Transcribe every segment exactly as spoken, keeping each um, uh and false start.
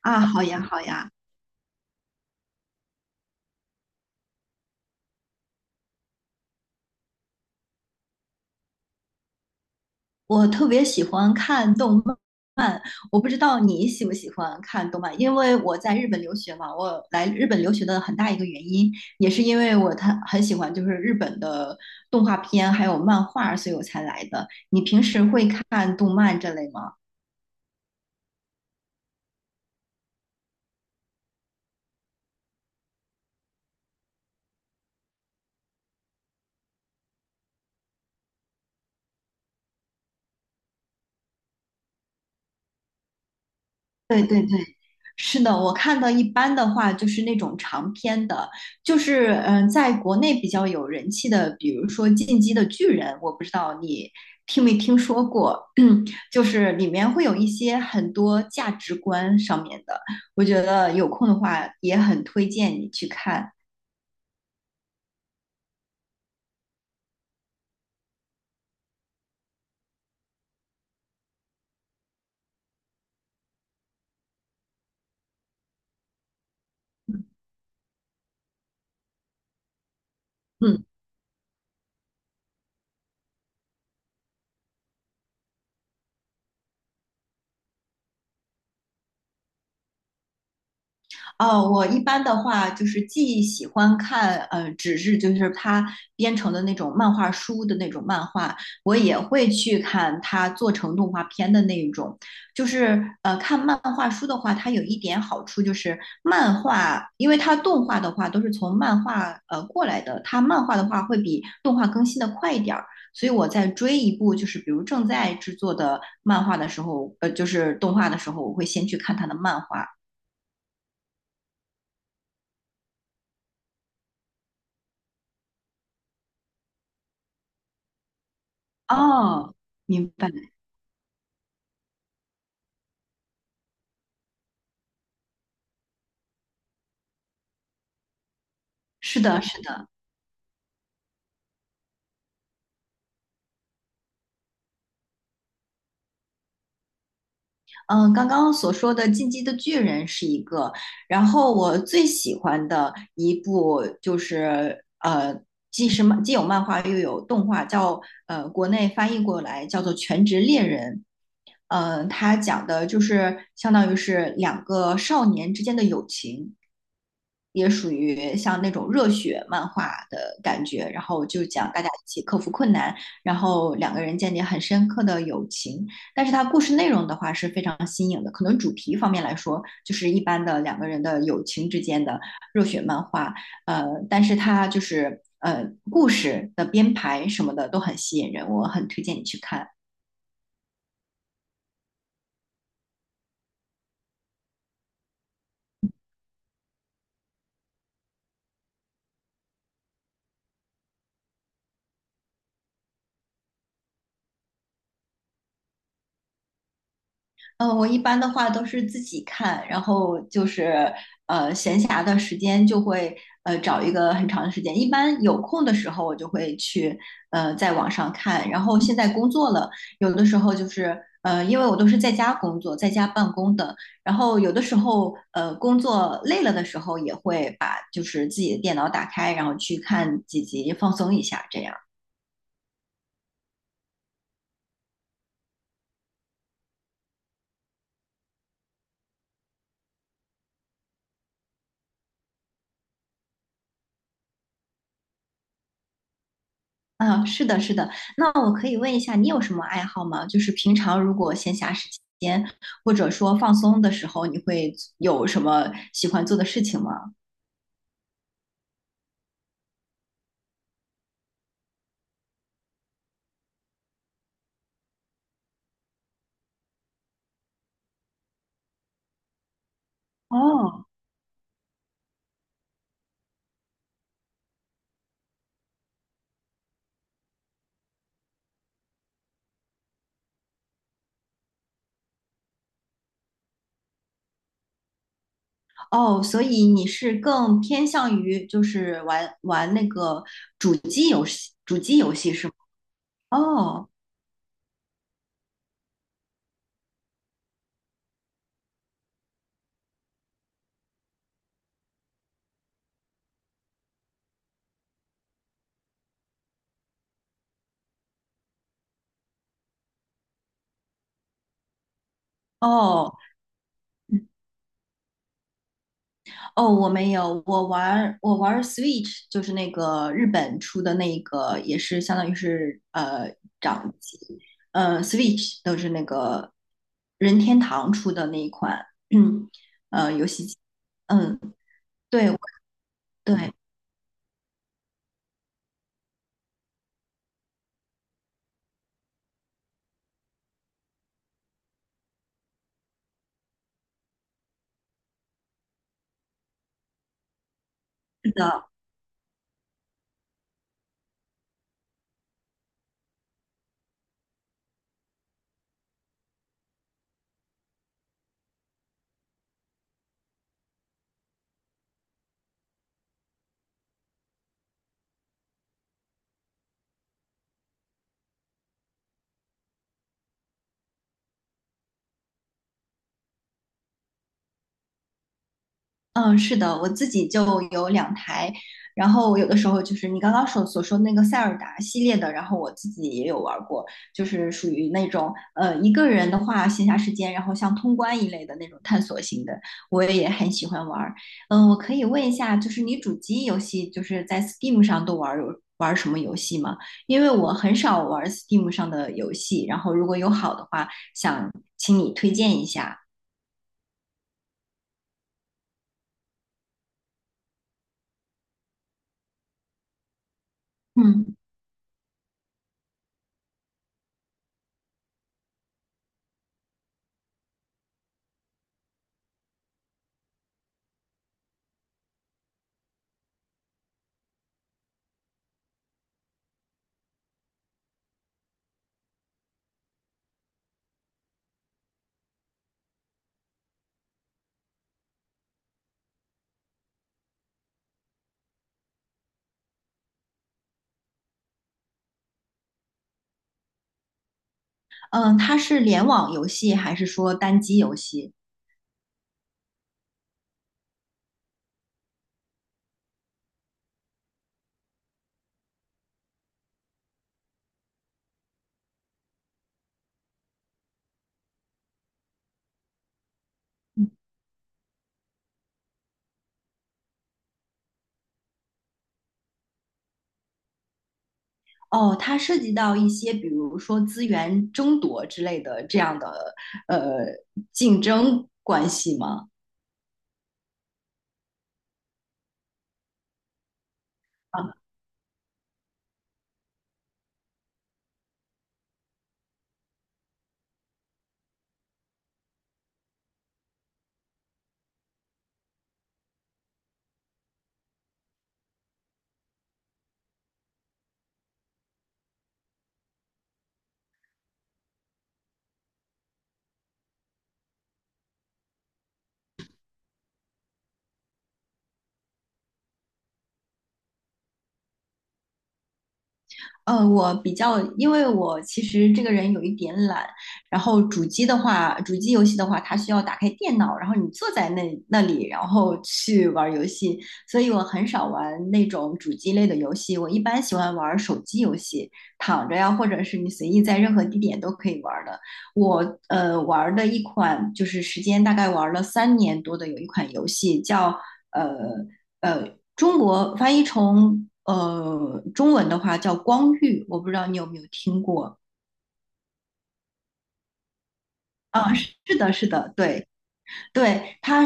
啊，好呀，好呀，我特别喜欢看动漫。我不知道你喜不喜欢看动漫，因为我在日本留学嘛。我来日本留学的很大一个原因，也是因为我他很喜欢就是日本的动画片还有漫画，所以我才来的。你平时会看动漫这类吗？对对对。是的，我看到一般的话就是那种长篇的，就是嗯、呃在国内比较有人气的，比如说《进击的巨人》，我不知道你听没听说过。就是里面会有一些很多价值观上面的，我觉得有空的话也很推荐你去看。嗯。哦，我一般的话就是既喜欢看呃纸质，就是它编成的那种漫画书的那种漫画，我也会去看它做成动画片的那一种。就是呃看漫画书的话，它有一点好处就是漫画，因为它动画的话都是从漫画呃过来的，它漫画的话会比动画更新的快一点儿。所以我在追一部就是比如正在制作的漫画的时候，呃，就是动画的时候，我会先去看它的漫画。哦，明白，是的，是的。嗯，刚刚所说的《进击的巨人》是一个，然后我最喜欢的一部就是呃，既是漫既有漫画又有动画，叫呃国内翻译过来叫做《全职猎人》。嗯、呃，它讲的就是相当于是两个少年之间的友情，也属于像那种热血漫画的感觉。然后就讲大家一起克服困难，然后两个人建立很深刻的友情。但是它故事内容的话是非常新颖的，可能主题方面来说就是一般的两个人的友情之间的热血漫画。呃，但是它就是。呃，故事的编排什么的都很吸引人，我很推荐你去看。呃，我一般的话都是自己看，然后就是呃闲暇的时间就会呃找一个很长的时间，一般有空的时候我就会去呃在网上看。然后现在工作了，有的时候就是呃因为我都是在家工作，在家办公的，然后有的时候呃工作累了的时候也会把就是自己的电脑打开，然后去看几集放松一下这样。啊，是的，是的。那我可以问一下，你有什么爱好吗？就是平常如果闲暇时间，或者说放松的时候，你会有什么喜欢做的事情吗？哦，哦，所以你是更偏向于就是玩玩那个主机游戏，主机游戏是吗？哦，哦，哦，我没有，我玩儿我玩儿 Switch,就是那个日本出的那个，也是相当于是呃掌机。呃 Switch 都是那个任天堂出的那一款 嗯，呃游戏机。嗯，对，我对，是的。嗯，是的，我自己就有两台，然后我有的时候就是你刚刚所所说的那个塞尔达系列的，然后我自己也有玩过，就是属于那种呃一个人的话，闲暇时间，然后像通关一类的那种探索型的，我也很喜欢玩儿。嗯、我可以问一下，就是你主机游戏就是在 Steam 上都玩儿有玩儿什么游戏吗？因为我很少玩儿 Steam 上的游戏，然后如果有好的话，想请你推荐一下。嗯。嗯，它是联网游戏还是说单机游戏？哦，它涉及到一些，比如说资源争夺之类的这样的呃竞争关系吗？呃，我比较，因为我其实这个人有一点懒，然后主机的话，主机游戏的话，它需要打开电脑，然后你坐在那那里，然后去玩游戏，所以我很少玩那种主机类的游戏。我一般喜欢玩手机游戏，躺着呀，或者是你随意在任何地点都可以玩的。我呃玩的一款就是时间大概玩了三年多的，有一款游戏叫呃呃，中国翻译成呃中文的话叫光遇，我不知道你有没有听过。啊，是的，是的，对对，它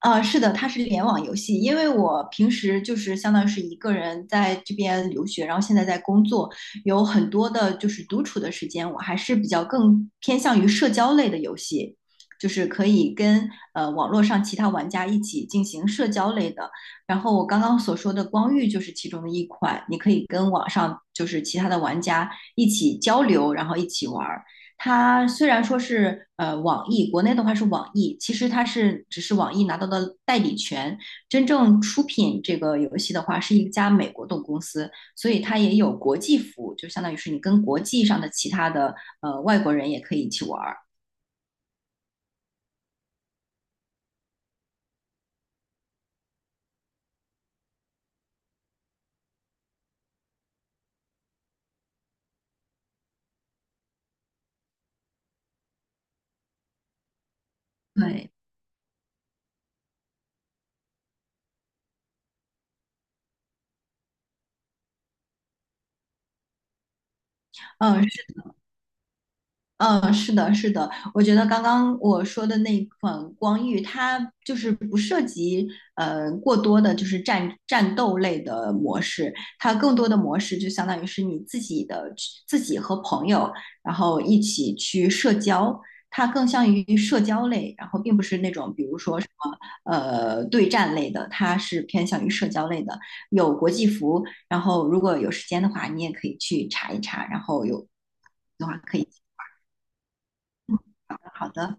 啊，是的，它是联网游戏。因为我平时就是相当于是一个人在这边留学，然后现在在工作，有很多的就是独处的时间，我还是比较更偏向于社交类的游戏，就是可以跟呃网络上其他玩家一起进行社交类的。然后我刚刚所说的《光遇》就是其中的一款，你可以跟网上就是其他的玩家一起交流，然后一起玩儿。它虽然说是呃网易，国内的话是网易，其实它是只是网易拿到的代理权，真正出品这个游戏的话是一家美国的公司，所以它也有国际服务，就相当于是你跟国际上的其他的呃外国人也可以一起玩儿。对，嗯。嗯，是的，是的，我觉得刚刚我说的那款光遇，它就是不涉及呃过多的，就是战战斗类的模式，它更多的模式就相当于是你自己的自己和朋友，然后一起去社交，它更像于社交类，然后并不是那种比如说什么呃对战类的，它是偏向于社交类的，有国际服，然后如果有时间的话，你也可以去查一查，然后有。的话可以。好的，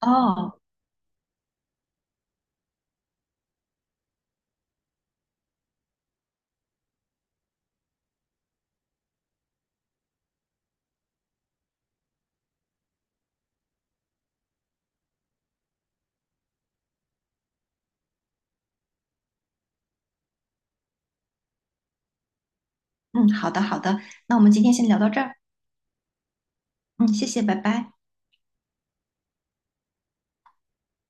哦，嗯，好的，好的，那我们今天先聊到这儿。嗯，谢谢，拜拜。